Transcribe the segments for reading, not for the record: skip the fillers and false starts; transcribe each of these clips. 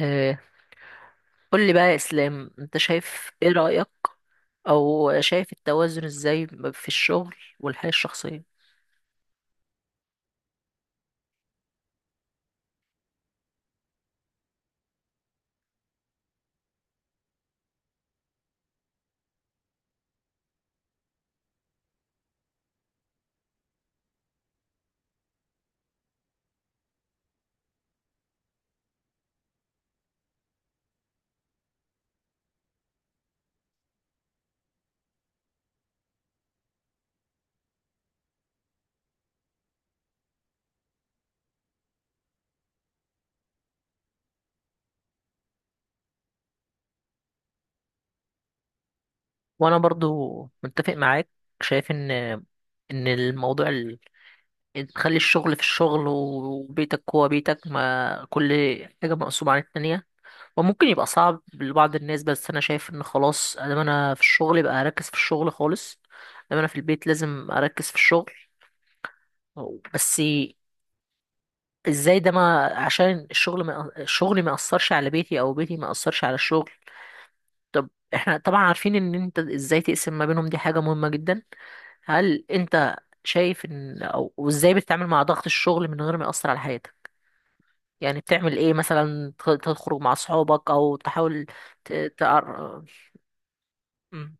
آه، قول لي بقى يا اسلام، انت شايف ايه رأيك او شايف التوازن ازاي في الشغل والحياة الشخصية. وانا برضو متفق معاك، شايف ان إن تخلي الشغل في الشغل وبيتك هو بيتك، ما كل حاجة مقسومة عن التانية. وممكن يبقى صعب لبعض الناس، بس انا شايف ان خلاص، ادام انا في الشغل يبقى اركز في الشغل خالص، ادام انا في البيت لازم اركز في الشغل. بس ازاي ده؟ ما عشان الشغل ما اثرش على بيتي او بيتي ما اثرش على الشغل. طب احنا طبعا عارفين ان انت ازاي تقسم ما بينهم، دي حاجة مهمة جدا. هل انت شايف ان وازاي بتتعامل مع ضغط الشغل من غير ما يأثر على حياتك؟ يعني بتعمل ايه مثلا؟ تخرج مع اصحابك او تحاول ت... تعر... مم.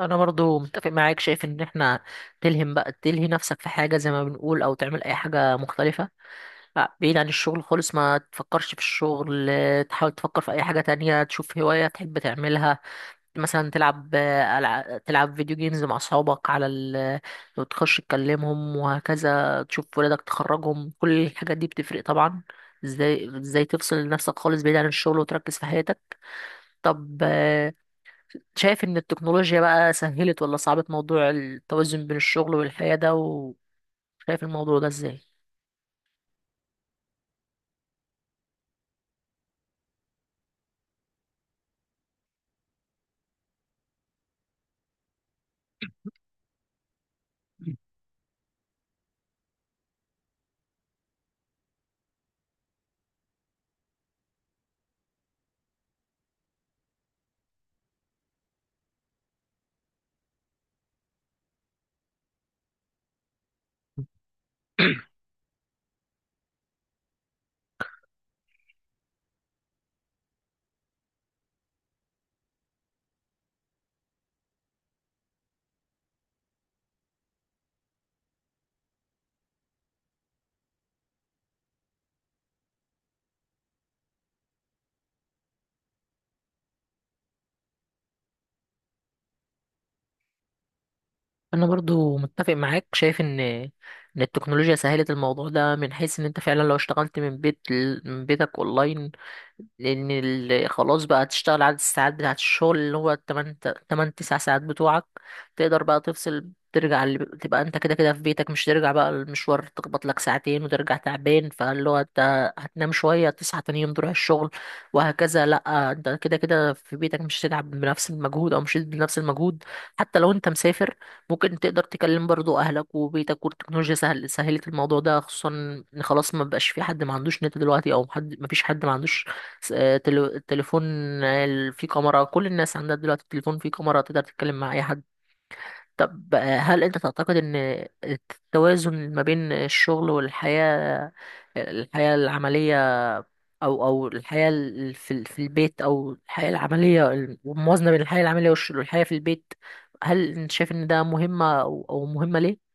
انا برضو متفق معاك، شايف ان احنا تلهم بقى تلهي نفسك في حاجة، زي ما بنقول، او تعمل اي حاجة مختلفة. لا، بعيد عن الشغل خالص، ما تفكرش في الشغل، تحاول تفكر في اي حاجة تانية، تشوف هواية تحب تعملها. مثلا تلعب، تلعب فيديو جيمز مع اصحابك على ال، وتخش تكلمهم، وهكذا، تشوف ولادك، تخرجهم. كل الحاجات دي بتفرق طبعا. ازاي تفصل نفسك خالص بعيد عن الشغل وتركز في حياتك؟ طب شايف ان التكنولوجيا بقى سهلت ولا صعبت موضوع التوازن بين الشغل والحياة ده؟ وشايف الموضوع ده ازاي؟ انا برضو متفق معاك، شايف ان التكنولوجيا سهلت الموضوع ده، من حيث ان انت فعلا لو اشتغلت من من بيتك اونلاين. خلاص بقى تشتغل عدد الساعات بتاعت الشغل، اللي هو 8 8 9 ساعات بتوعك. تقدر بقى تفصل، تبقى انت كده كده في بيتك، مش ترجع بقى المشوار تخبط لك ساعتين وترجع تعبان، فاللي هو انت هتنام شوية، تصحى تاني يوم تروح الشغل وهكذا. لا، انت كده كده في بيتك، مش هتتعب بنفس المجهود، او مش بنفس المجهود. حتى لو انت مسافر، ممكن تقدر تكلم برضو اهلك وبيتك. والتكنولوجيا سهلت الموضوع ده، خصوصا ان خلاص ما بقاش في حد ما عندوش نت دلوقتي، او حد ما عندوش تليفون، فيه كاميرا. كل الناس عندها دلوقتي تليفون فيه كاميرا، تقدر تتكلم مع اي حد. طب هل انت تعتقد ان التوازن ما بين الشغل والحياة، الحياة العملية، او في البيت، او الحياة العملية، الموازنة بين الحياة العملية والحياة في البيت، هل انت شايف ان ده مهمة؟ او مهمة ليه؟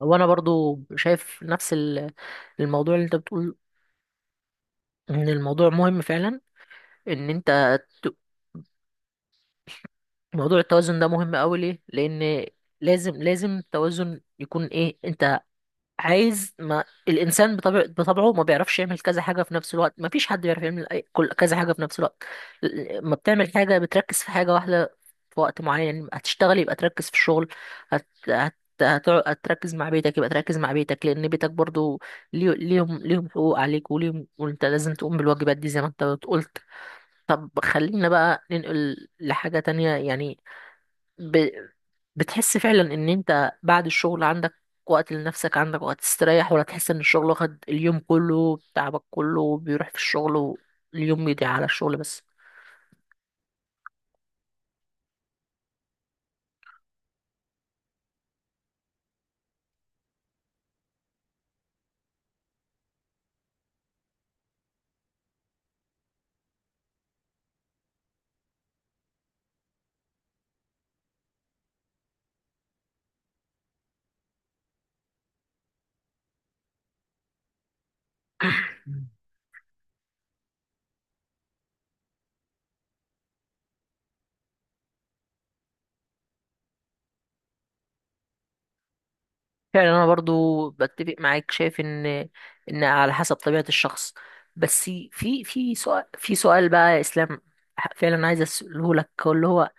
وانا برضو شايف نفس الموضوع اللي انت بتقول، ان الموضوع مهم فعلا، ان انت ت- موضوع التوازن ده مهم قوي. ليه؟ لان لازم التوازن يكون ايه. انت عايز، ما الانسان بطبعه ما بيعرفش يعمل كذا حاجه في نفس الوقت، ما فيش حد بيعرف يعمل كل كذا حاجه في نفس الوقت. ما بتعمل حاجه، بتركز في حاجه واحده في وقت معين. يعني هتشتغل يبقى تركز في الشغل، هت... هت... هتركز مع بيتك يبقى تركز مع بيتك، لان بيتك برضو ليهم حقوق عليك، وليهم، وانت لازم تقوم بالواجبات دي زي ما انت قلت. طب خلينا بقى ننقل لحاجه تانية يعني. ب... بتحس فعلا ان انت بعد الشغل عندك وقت لنفسك، عندك وقت تستريح، ولا تحس ان الشغل واخد اليوم كله، تعبك كله بيروح في الشغل، واليوم بيضيع على الشغل بس؟ فعلا انا برضو بتفق معاك، شايف ان على حسب طبيعة الشخص. بس في سؤال بقى يا اسلام فعلا عايز اساله لك، اللي هو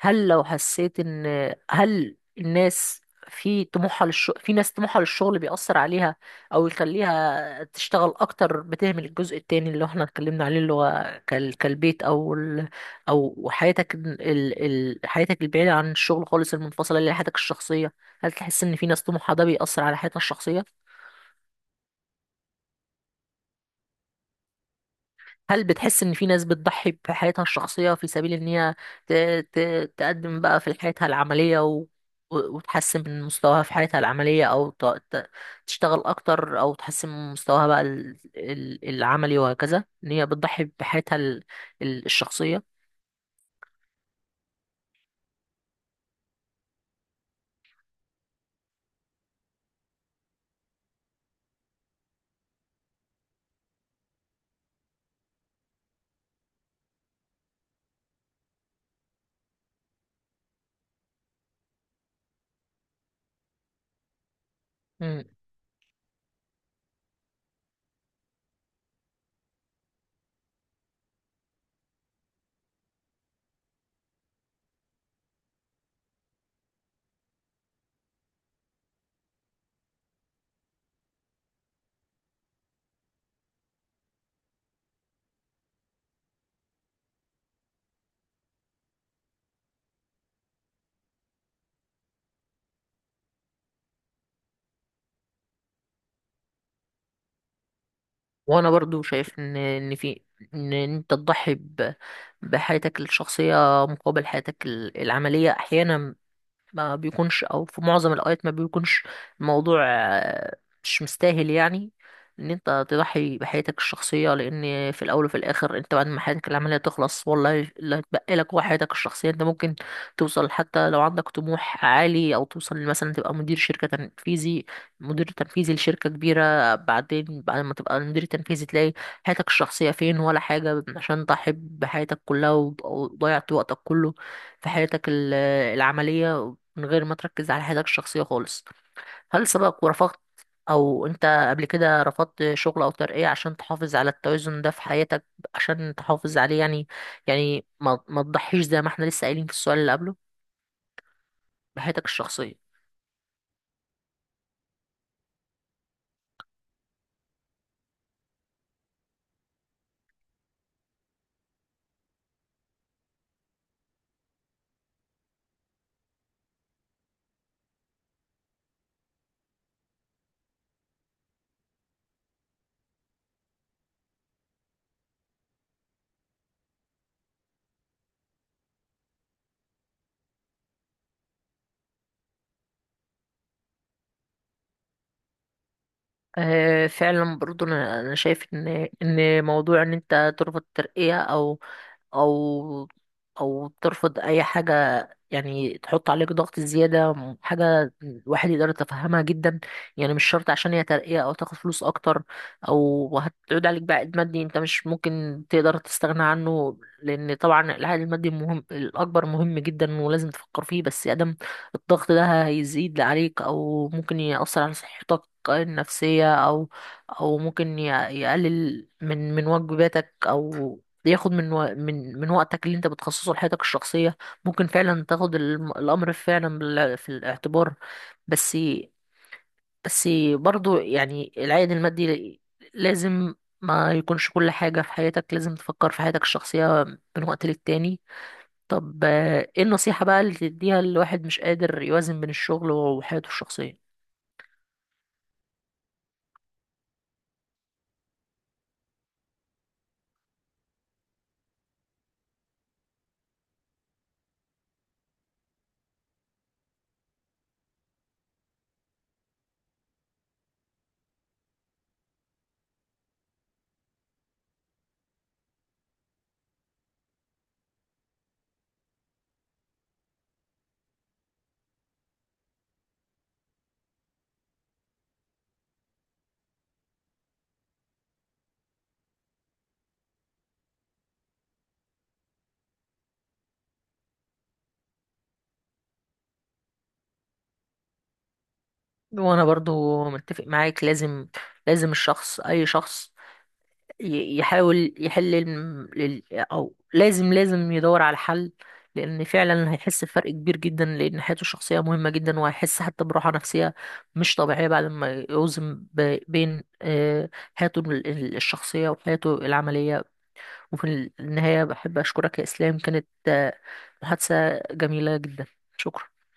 هل لو حسيت ان، هل الناس في طموحها للشغل، في ناس طموحها للشغل بيأثر عليها، او يخليها تشتغل اكتر، بتهمل الجزء التاني اللي احنا اتكلمنا عليه، اللي هو كالبيت، او حياتك ال ال حياتك البعيدة عن الشغل خالص، المنفصلة، اللي هي حياتك الشخصية. هل تحس ان في ناس طموحها ده بيأثر على حياتها الشخصية؟ هل بتحس ان في ناس بتضحي بحياتها الشخصية في سبيل ان هي ت... ت... تقدم بقى في حياتها العملية وتحسن من مستواها في حياتها العملية، او ت... تشتغل اكتر، او تحسن من مستواها بقى العملي وهكذا، ان هي بتضحي بحياتها الشخصية؟ مم. وانا برضو شايف ان، ان في ان انت تضحي بحياتك الشخصية مقابل حياتك العملية، أحيانا ما بيكونش، او في معظم الاوقات ما بيكونش الموضوع، مش مستاهل يعني ان انت تضحي بحياتك الشخصيه. لان في الاول وفي الاخر، انت بعد ما حياتك العمليه تخلص، والله اللي هتبقى لك هو حياتك الشخصيه. انت ممكن توصل، حتى لو عندك طموح عالي، او توصل مثلا تبقى مدير شركه تنفيذي، مدير تنفيذي لشركه كبيره، بعدين بعد ما تبقى مدير تنفيذي تلاقي حياتك الشخصيه فين ولا حاجه، عشان تضحي بحياتك كلها، وضيعت وقتك كله في حياتك العملية، من غير ما تركز على حياتك الشخصية خالص. هل سبق ورفضت، أو أنت قبل كده رفضت شغل أو ترقية عشان تحافظ على التوازن ده في حياتك، عشان تحافظ عليه يعني؟ يعني ما تضحيش، زي ما احنا لسه قايلين في السؤال اللي قبله، بحياتك الشخصية. أه، فعلا برضو أنا شايف إن موضوع إن أنت ترفض ترقية، أو او او ترفض اي حاجه يعني تحط عليك ضغط زياده، حاجه الواحد يقدر يتفهمها جدا. يعني مش شرط عشان هي ترقيه او تاخد فلوس اكتر، او هتعود عليك بعائد مادي انت مش ممكن تقدر تستغنى عنه. لان طبعا العائد المادي الاكبر مهم جدا ولازم تفكر فيه. بس ادم الضغط ده هيزيد عليك، او ممكن يأثر على صحتك النفسية، أو ممكن يقلل من واجباتك، أو ياخد من و... من من وقتك اللي انت بتخصصه لحياتك الشخصية. ممكن فعلا تاخد الأمر فعلا في الاعتبار. بس بس برضو يعني العائد المادي لازم ما يكونش كل حاجة في حياتك. لازم تفكر في حياتك الشخصية من وقت للتاني. طب ايه النصيحة بقى اللي تديها لواحد مش قادر يوازن بين الشغل وحياته الشخصية؟ وانا برضو متفق معاك، لازم الشخص، اي شخص، يحاول يحل او لازم يدور على حل. لان فعلا هيحس بفرق كبير جدا، لان حياته الشخصيه مهمه جدا. وهيحس حتى براحه نفسيه مش طبيعيه بعد ما يوزن بين حياته الشخصيه وحياته العمليه. وفي النهايه بحب اشكرك يا اسلام، كانت محادثه جميله جدا. شكرا.